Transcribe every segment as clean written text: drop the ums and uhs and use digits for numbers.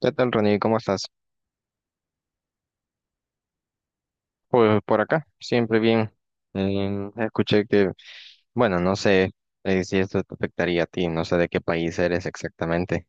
¿Qué tal, Ronnie? ¿Cómo estás? Pues por acá, siempre bien. Escuché que, bueno, no sé si esto te afectaría a ti, no sé de qué país eres exactamente.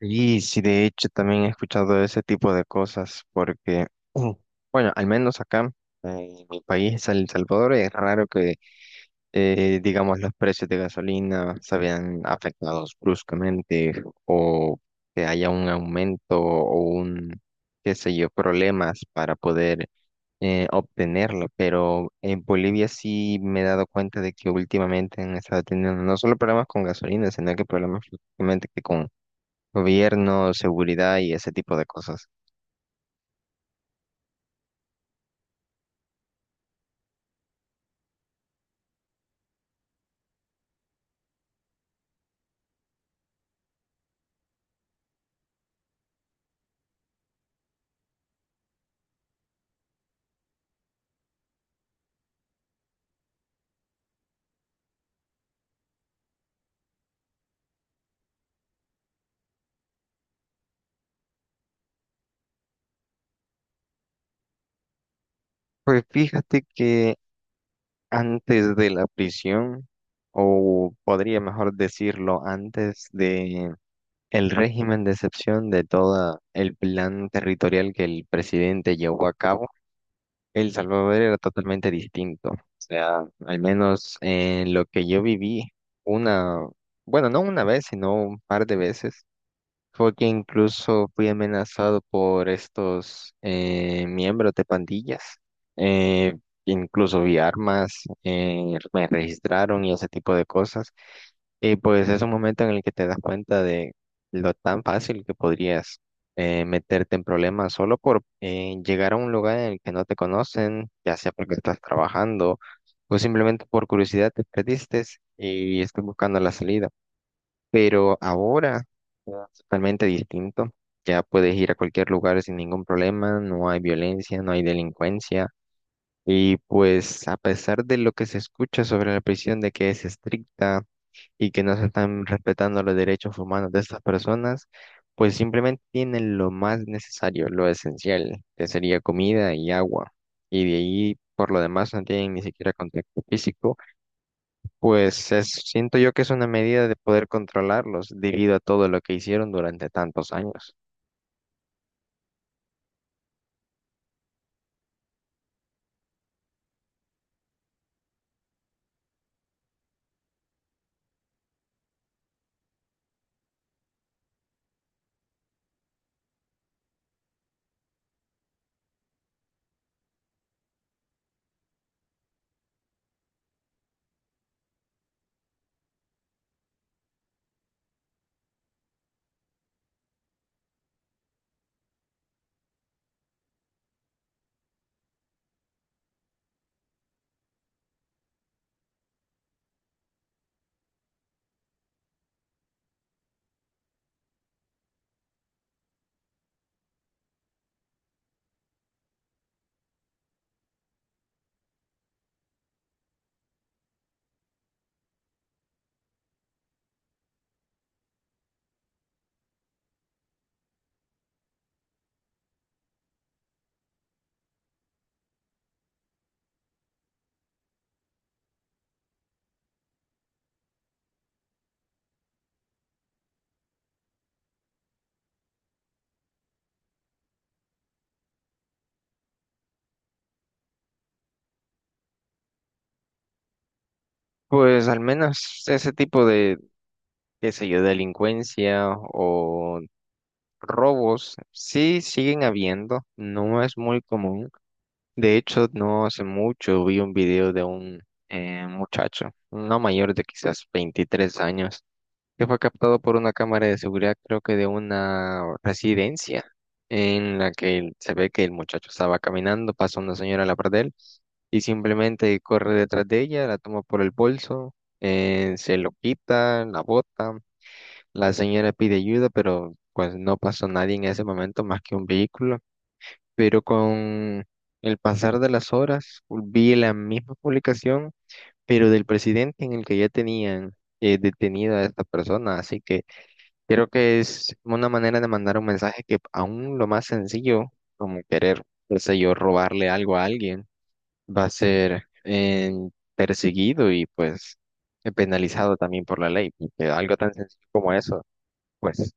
Y sí, de hecho, también he escuchado ese tipo de cosas, porque, mm, bueno, al menos acá, eh, en mi país, El Salvador, es raro que, digamos, los precios de gasolina se vean afectados bruscamente o que haya un aumento o un, qué sé yo, problemas para poder obtenerlo, pero en Bolivia sí me he dado cuenta de que últimamente han estado teniendo no solo problemas con gasolina, sino que problemas prácticamente que con gobierno, seguridad y ese tipo de cosas. Pues fíjate que antes de la prisión, o podría mejor decirlo, antes de el régimen de excepción de todo el plan territorial que el presidente llevó a cabo, El Salvador era totalmente distinto. O sea, al menos en lo que yo viví, una, bueno, no una vez, sino un par de veces, fue que incluso fui amenazado por estos miembros de pandillas. Eh, Incluso vi armas, me registraron y ese tipo de cosas. Y pues es un momento en el que te das cuenta de lo tan fácil que podrías meterte en problemas solo por llegar a un lugar en el que no te conocen, ya sea porque estás trabajando o simplemente por curiosidad te perdiste y estás buscando la salida. Pero ahora es totalmente distinto. Ya puedes ir a cualquier lugar sin ningún problema, no hay violencia, no hay delincuencia. Y pues a pesar de lo que se escucha sobre la prisión de que es estricta, y que no se están respetando los derechos humanos de estas personas, pues simplemente tienen lo más necesario, lo esencial, que sería comida y agua. Y de ahí, por lo demás, no tienen ni siquiera contacto físico. Siento yo que es una medida de poder controlarlos debido a todo lo que hicieron durante tantos años. Pues al menos ese tipo de, qué sé yo, delincuencia o robos sí siguen habiendo, no es muy común. De hecho, no hace mucho vi un video de un muchacho, no mayor de quizás 23 años, que fue captado por una cámara de seguridad, creo que de una residencia, en la que se ve que el muchacho estaba caminando, pasa una señora a la par de él y simplemente corre detrás de ella, la toma por el bolso, se lo quita, la bota, la señora pide ayuda, pero pues no pasó nadie en ese momento más que un vehículo, pero con el pasar de las horas vi la misma publicación, pero del presidente en el que ya tenían detenida a esta persona. Así que creo que es una manera de mandar un mensaje que aún lo más sencillo, como querer, qué sé yo, robarle algo a alguien, va a ser perseguido y pues penalizado también por la ley, porque algo tan sencillo como eso. Pues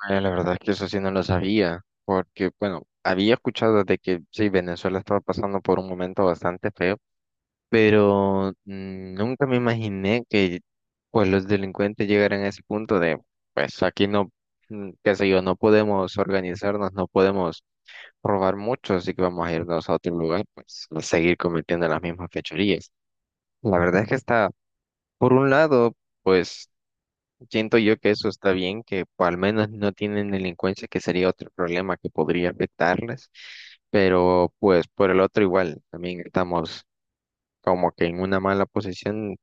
ah, la verdad es que eso sí no lo sabía, porque bueno, había escuchado de que sí, Venezuela estaba pasando por un momento bastante feo, pero nunca me imaginé que pues los delincuentes llegaran a ese punto de, pues aquí no, qué sé yo, no podemos organizarnos, no podemos robar mucho, así que vamos a irnos a otro lugar, pues a seguir cometiendo las mismas fechorías. La verdad es que está, por un lado, pues siento yo que eso está bien, que pues, al menos no tienen delincuencia, que sería otro problema que podría afectarles, pero pues por el otro igual, también estamos como que en una mala posición,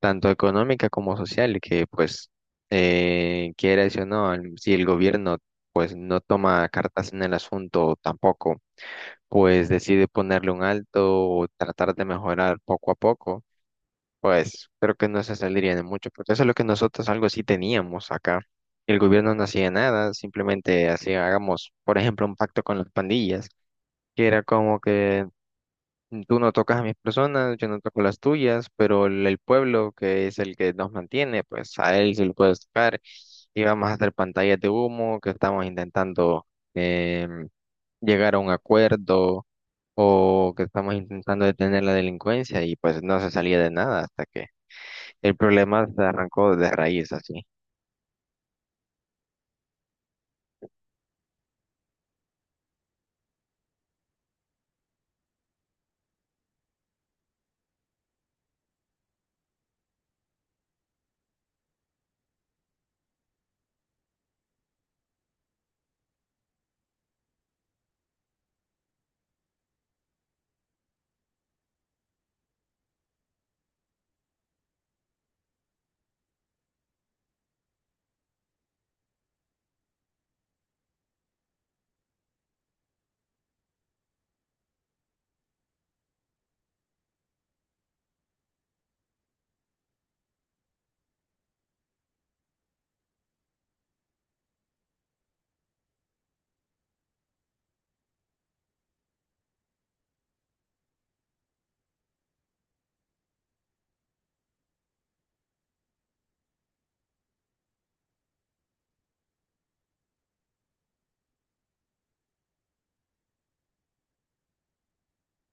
tanto económica como social, que pues quiera eso o no, si el gobierno pues no toma cartas en el asunto tampoco, pues decide ponerle un alto o tratar de mejorar poco a poco. Pues creo que no se saldría de mucho, porque eso es lo que nosotros algo sí teníamos acá. El gobierno no hacía nada, simplemente hacía, hagamos, por ejemplo, un pacto con las pandillas, que era como que tú no tocas a mis personas, yo no toco las tuyas, pero el pueblo que es el que nos mantiene, pues a él sí lo puedes tocar. Y vamos a hacer pantallas de humo, que estamos intentando em, llegar a un acuerdo o que estamos intentando detener la delincuencia y pues no se salía de nada hasta que el problema se arrancó de raíz así.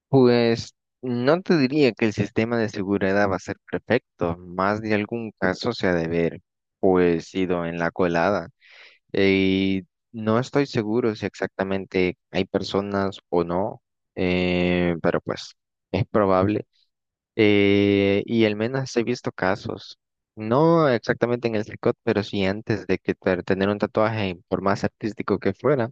Pues no te diría que el sistema de seguridad va a ser perfecto, más de algún caso se ha de ver, pues ido en la colada. Y no estoy seguro si exactamente hay personas o no, pero pues es probable. Y al menos he visto casos, no exactamente en el tricot, pero sí antes de que tener un tatuaje, por más artístico que fuera,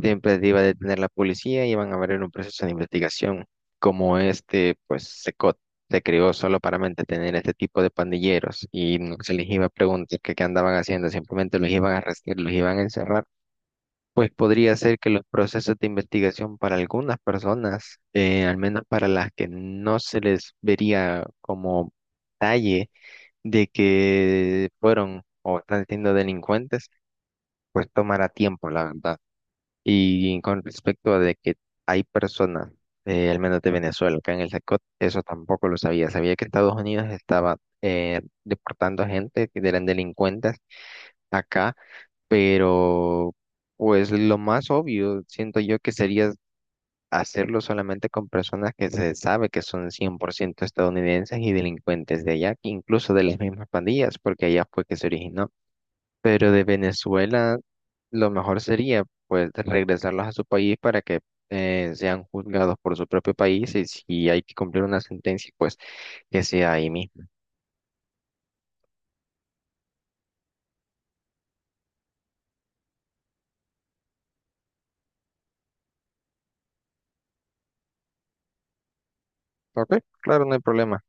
siempre te iba a detener la policía y iban a abrir un proceso de investigación. Como este, pues se creó solo para mantener este tipo de pandilleros y no se les iba a preguntar qué andaban haciendo, simplemente los iban a arrestar, los iban a encerrar. Pues podría ser que los procesos de investigación para algunas personas, al menos para las que no se les vería como talle de que fueron o están siendo delincuentes, pues tomará tiempo, la verdad. Y con respecto a de que hay personas, al menos de Venezuela, acá en el SACOT, eso tampoco lo sabía. Sabía que Estados Unidos estaba deportando a gente que eran delincuentes acá, pero pues lo más obvio, siento yo que sería hacerlo solamente con personas que se sabe que son 100% estadounidenses y delincuentes de allá, incluso de las mismas pandillas, porque allá fue que se originó. Pero de Venezuela lo mejor sería, pues, regresarlos a su país para que sean juzgados por su propio país y si hay que cumplir una sentencia, pues, que sea ahí mismo. Ok, claro, no hay problema.